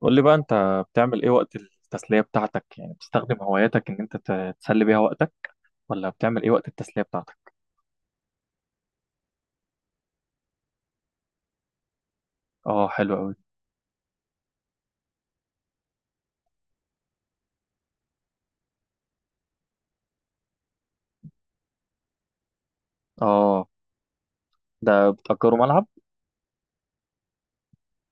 قول لي بقى انت بتعمل ايه وقت التسلية بتاعتك؟ يعني بتستخدم هواياتك ان انت تسلي بيها وقتك، ولا بتعمل ايه وقت التسلية بتاعتك؟ اه، حلو قوي. اه، ده بتأجروا ملعب؟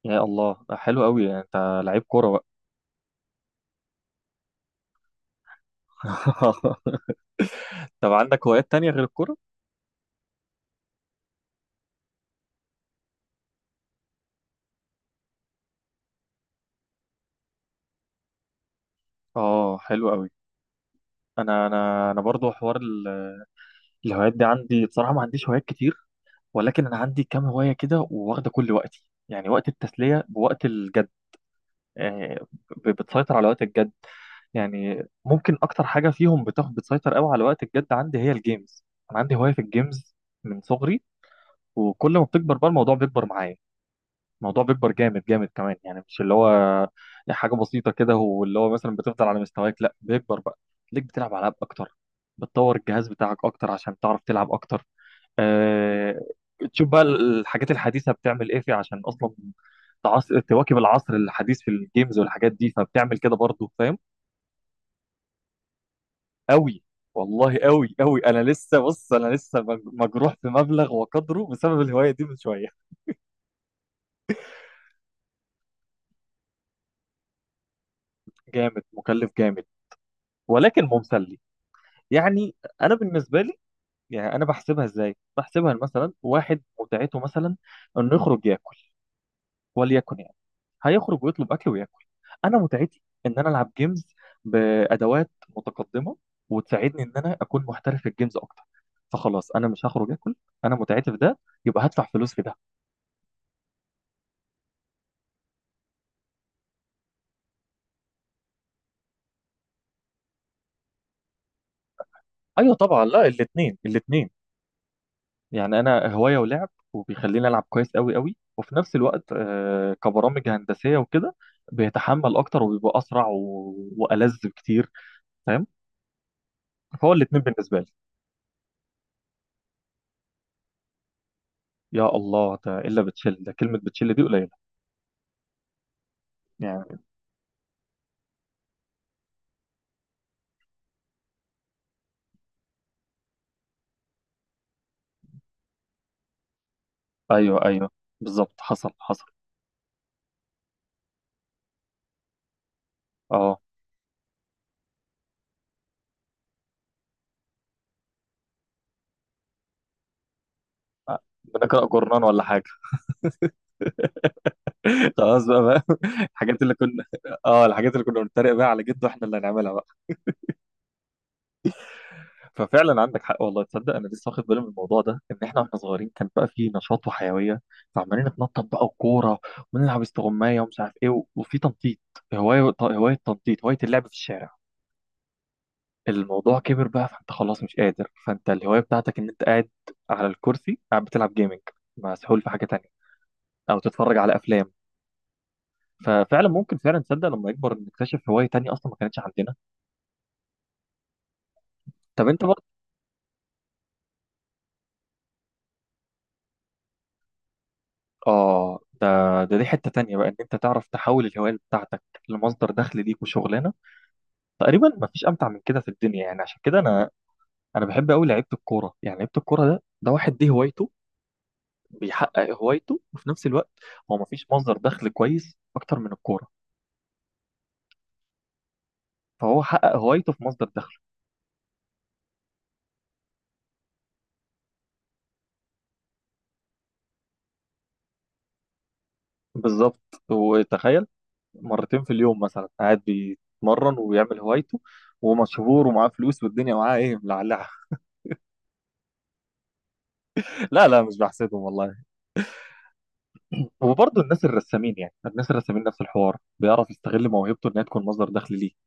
يا الله، ده حلو قوي، يعني انت لعيب كورة بقى. طب عندك هوايات تانية غير الكورة؟ اه، حلو قوي. انا برضو حوار الهوايات دي عندي، بصراحة ما عنديش هوايات كتير، ولكن انا عندي كام هواية كده وواخدة كل وقتي، يعني وقت التسلية بوقت الجد. آه، بتسيطر على وقت الجد، يعني ممكن اكتر حاجه فيهم بتاخد، بتسيطر قوي على وقت الجد عندي هي الجيمز. انا عندي هوايه في الجيمز من صغري، وكل ما بتكبر بقى الموضوع بيكبر معايا. الموضوع بيكبر جامد جامد كمان، يعني مش اللي هو حاجه بسيطه كده واللي هو مثلا بتفضل على مستواك، لا بيكبر بقى ليك، بتلعب العاب اكتر، بتطور الجهاز بتاعك اكتر عشان تعرف تلعب اكتر. أه... تشوف بقى الحاجات الحديثه بتعمل ايه فيه عشان اصلا تواكب العصر الحديث في الجيمز والحاجات دي، فبتعمل كده برضه، فاهم. قوي، والله قوي قوي. انا لسه، بص، انا لسه مجروح بمبلغ وقدره بسبب الهوايه دي من شويه. جامد، مكلف جامد، ولكن ممسلي. يعني انا بالنسبه لي، يعني انا بحسبها ازاي؟ بحسبها مثلا واحد متعته، مثلا انه يخرج ياكل، وليكن يعني هيخرج ويطلب اكل وياكل. انا متعتي ان انا العب جيمز بادوات متقدمه وتساعدني ان انا اكون محترف في الجيمز اكتر، فخلاص انا مش هخرج اكل، انا متعتي في ده، يبقى هدفع فلوس في ده. ايوه طبعا، لا، الاثنين الاثنين. يعني انا هوايه ولعب وبيخليني العب كويس قوي قوي، وفي نفس الوقت كبرامج هندسيه وكده بيتحمل اكتر وبيبقى اسرع والذ بكتير، فاهم. فهو الاثنين بالنسبه لي. يا الله، ده الا بتشيل، ده كلمه بتشيل دي قليله يعني. ايوه ايوه، بالظبط، حصل حصل. اه، بنقرا جورنان ولا حاجه؟ خلاص بقى بقى. الحاجات اللي كنا اه الحاجات اللي كنا بنتريق بقى على جد، واحنا اللي هنعملها بقى. ففعلا عندك حق، والله تصدق انا لسه واخد بالي من الموضوع ده، ان احنا واحنا صغيرين كان بقى فيه نشاط وحيويه، فعمالين نتنطط بقى وكوره، ونلعب استغمايه ومش عارف ايه وفي تنطيط. هوايه، هوايه تنطيط، هوايه اللعب في الشارع. الموضوع كبر بقى، فانت خلاص مش قادر، فانت الهوايه بتاعتك ان انت قاعد على الكرسي، قاعد بتلعب جيمنج، مسحول في حاجه تانية، او تتفرج على افلام. ففعلا ممكن فعلا تصدق لما يكبر نكتشف هوايه تانية اصلا ما كانتش عندنا. طب انت برضه. اه، ده ده دي حتة تانية بقى ان انت تعرف تحول الهواية بتاعتك لمصدر دخل ليك وشغلانة. تقريبا ما فيش امتع من كده في الدنيا، يعني عشان كده انا بحب قوي لعيبة الكورة. يعني لعيبة الكورة ده واحد دي هوايته، بيحقق هوايته وفي نفس الوقت هو ما فيش مصدر دخل كويس اكتر من الكورة، فهو حقق هوايته في مصدر دخله. بالظبط، وتخيل مرتين في اليوم مثلا قاعد بيتمرن ويعمل هوايته، ومشهور ومعاه فلوس، والدنيا معاه ايه، ملعلعة. لا لا، مش بحسدهم والله. وبرضه الناس الرسامين، يعني الناس الرسامين نفس الحوار، بيعرف يستغل موهبته انها تكون مصدر دخل ليه.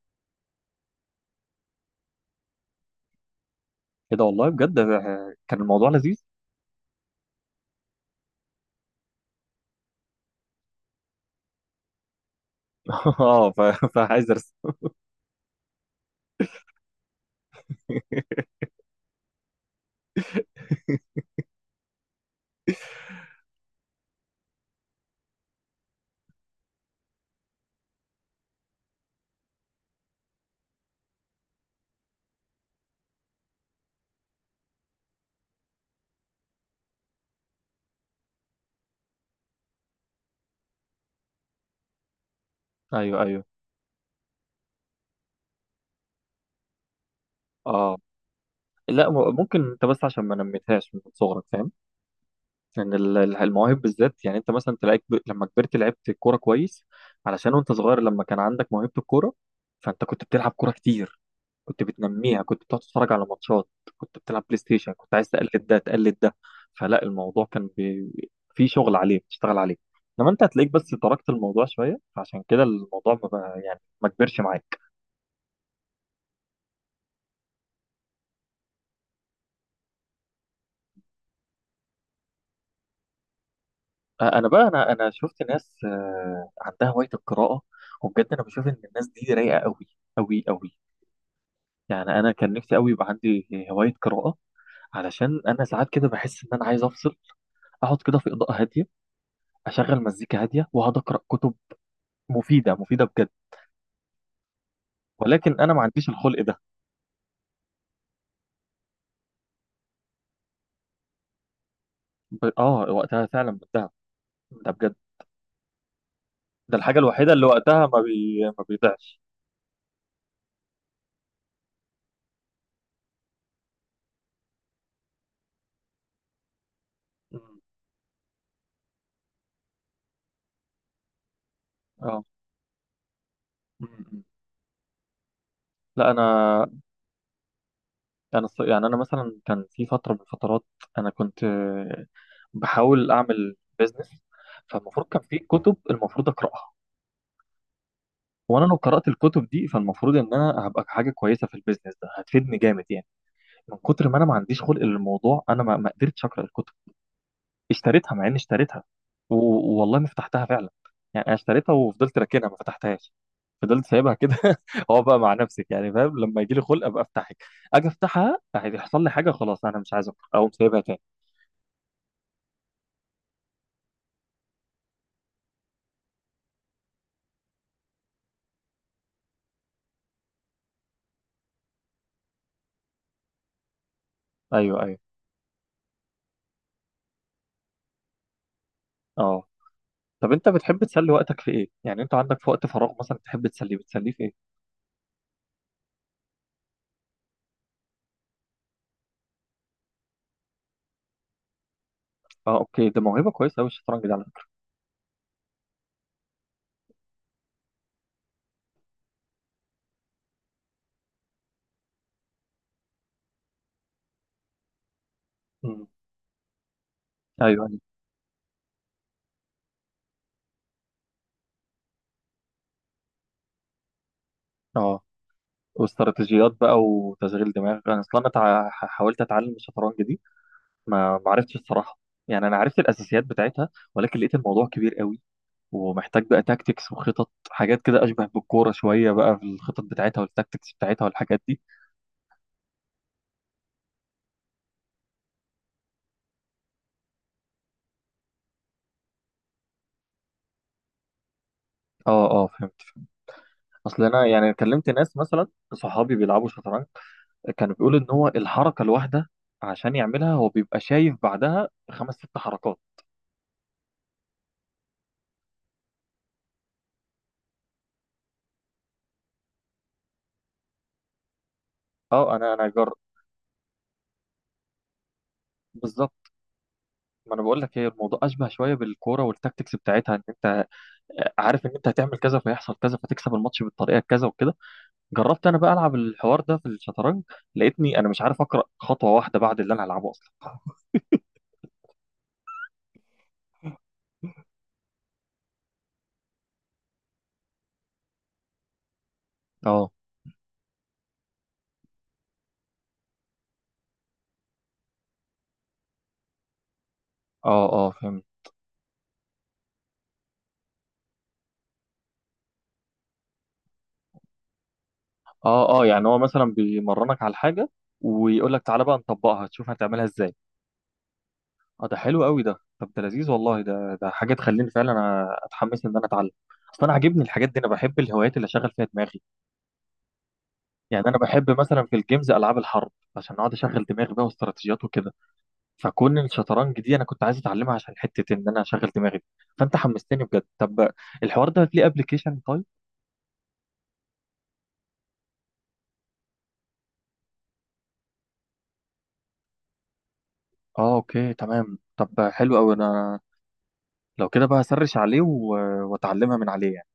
ايه ده والله بجد، كان الموضوع لذيذ. اه، فعايز ارسم. ايوه ايوه. اه، لا، ممكن انت بس عشان ما نميتهاش من صغرك، فاهم. لان المواهب بالذات، يعني انت مثلا تلاقيك لما كبرت لعبت كوره كويس، علشان وانت صغير لما كان عندك موهبه الكوره، فانت كنت بتلعب كوره كتير، كنت بتنميها، كنت بتقعد تتفرج على ماتشات، كنت بتلعب بلاي ستيشن، كنت عايز تقلد ده تقلد ده. فلا، الموضوع كان في شغل عليه بتشتغل عليه، انما انت هتلاقيك بس تركت الموضوع شويه، فعشان كده الموضوع ما بقى، يعني ما كبرش معاك. انا بقى، انا شفت ناس عندها هوايه القراءه. وبجد انا بشوف ان الناس دي رايقه قوي، قوي قوي، يعني انا كان نفسي قوي يبقى عندي هوايه قراءه، علشان انا ساعات كده بحس ان انا عايز افصل، اقعد كده في اضاءه هاديه، اشغل مزيكا هاديه واقعد اقرا كتب مفيده مفيده بجد، ولكن انا ما عنديش الخلق ده. اه، وقتها فعلا بنتهى، ده بجد ده الحاجه الوحيده اللي وقتها ما بيضيعش. مم. اه. م- م. لا انا، يعني انا مثلا كان في فتره من الفترات، انا كنت بحاول اعمل بيزنس، فالمفروض كان في كتب المفروض اقراها، وانا لو قرات الكتب دي فالمفروض ان انا هبقى حاجه كويسه في البيزنس ده، هتفيدني جامد يعني. من كتر ما انا ما عنديش خلق للموضوع، انا ما قدرتش اقرا الكتب، اشتريتها مع اني اشتريتها، والله ما فتحتها فعلا. يعني انا اشتريتها وفضلت راكنها ما فتحتهاش، فضلت سايبها كده. هو بقى مع نفسك يعني، فاهم، لما يجي لي خلق ابقى افتحك، اجي افتحها هيحصل لي حاجه، خلاص انا مش عايز افتح، اقوم سايبها تاني. ايوه ايوه. اه، طب انت بتحب تسلي وقتك في ايه؟ يعني انت عندك في وقت فراغ مثلا بتحب تسليه، بتسليه في ايه؟ اه اوكي، ده موهبه كويسه قوي الشطرنج ده على فكره. مم. ايوه ايوه. اه، واستراتيجيات بقى وتشغيل دماغ. انا اصلا، حاولت اتعلم الشطرنج دي. ما عرفتش الصراحه. يعني انا عرفت الاساسيات بتاعتها، ولكن لقيت الموضوع كبير قوي، ومحتاج بقى تاكتكس وخطط، حاجات كده اشبه بالكوره شويه بقى في الخطط بتاعتها والتاكتكس بتاعتها والحاجات دي. اه اه، فهمت. اصل انا يعني كلمت ناس مثلا، صحابي بيلعبوا شطرنج، كانوا بيقولوا ان هو الحركه الواحده عشان يعملها هو بيبقى شايف بعدها خمس ست حركات. اه، انا انا جر بالظبط. ما انا بقول لك هي، الموضوع اشبه شويه بالكوره والتاكتكس بتاعتها، ان انت عارف ان انت هتعمل كذا فيحصل كذا فتكسب الماتش بالطريقه كذا وكده. جربت انا بقى العب الحوار ده في الشطرنج، لقيتني انا مش عارف اقرا خطوه واحده بعد اللي انا هلعبه اصلا. اه اه اه، فهمت. اه اه، يعني هو مثلا بيمرنك على حاجه ويقول لك تعالى بقى نطبقها تشوف هتعملها ازاي. اه، ده حلو قوي ده، طب ده لذيذ والله، ده حاجه تخليني فعلا اتحمس ان انا اتعلم. اصل انا عاجبني الحاجات دي، انا بحب الهوايات اللي اشغل فيها دماغي، يعني انا بحب مثلا في الجيمز العاب الحرب عشان اقعد اشغل دماغي بقى واستراتيجيات وكده. فكون الشطرنج دي انا كنت عايز اتعلمها عشان حته ان انا اشغل دماغي دي. فانت حمستني بجد. طب الحوار ده ليه ابلكيشن طيب؟ اه اوكي تمام، طب حلو قوي. انا لو كده بقى هسرش عليه واتعلمها من عليه يعني.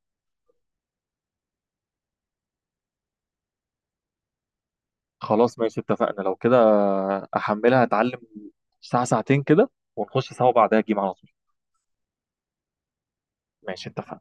خلاص ماشي اتفقنا. لو كده احملها، اتعلم ساعه ساعتين كده، ونخش سوا بعدها جيم على طول. ماشي اتفقنا.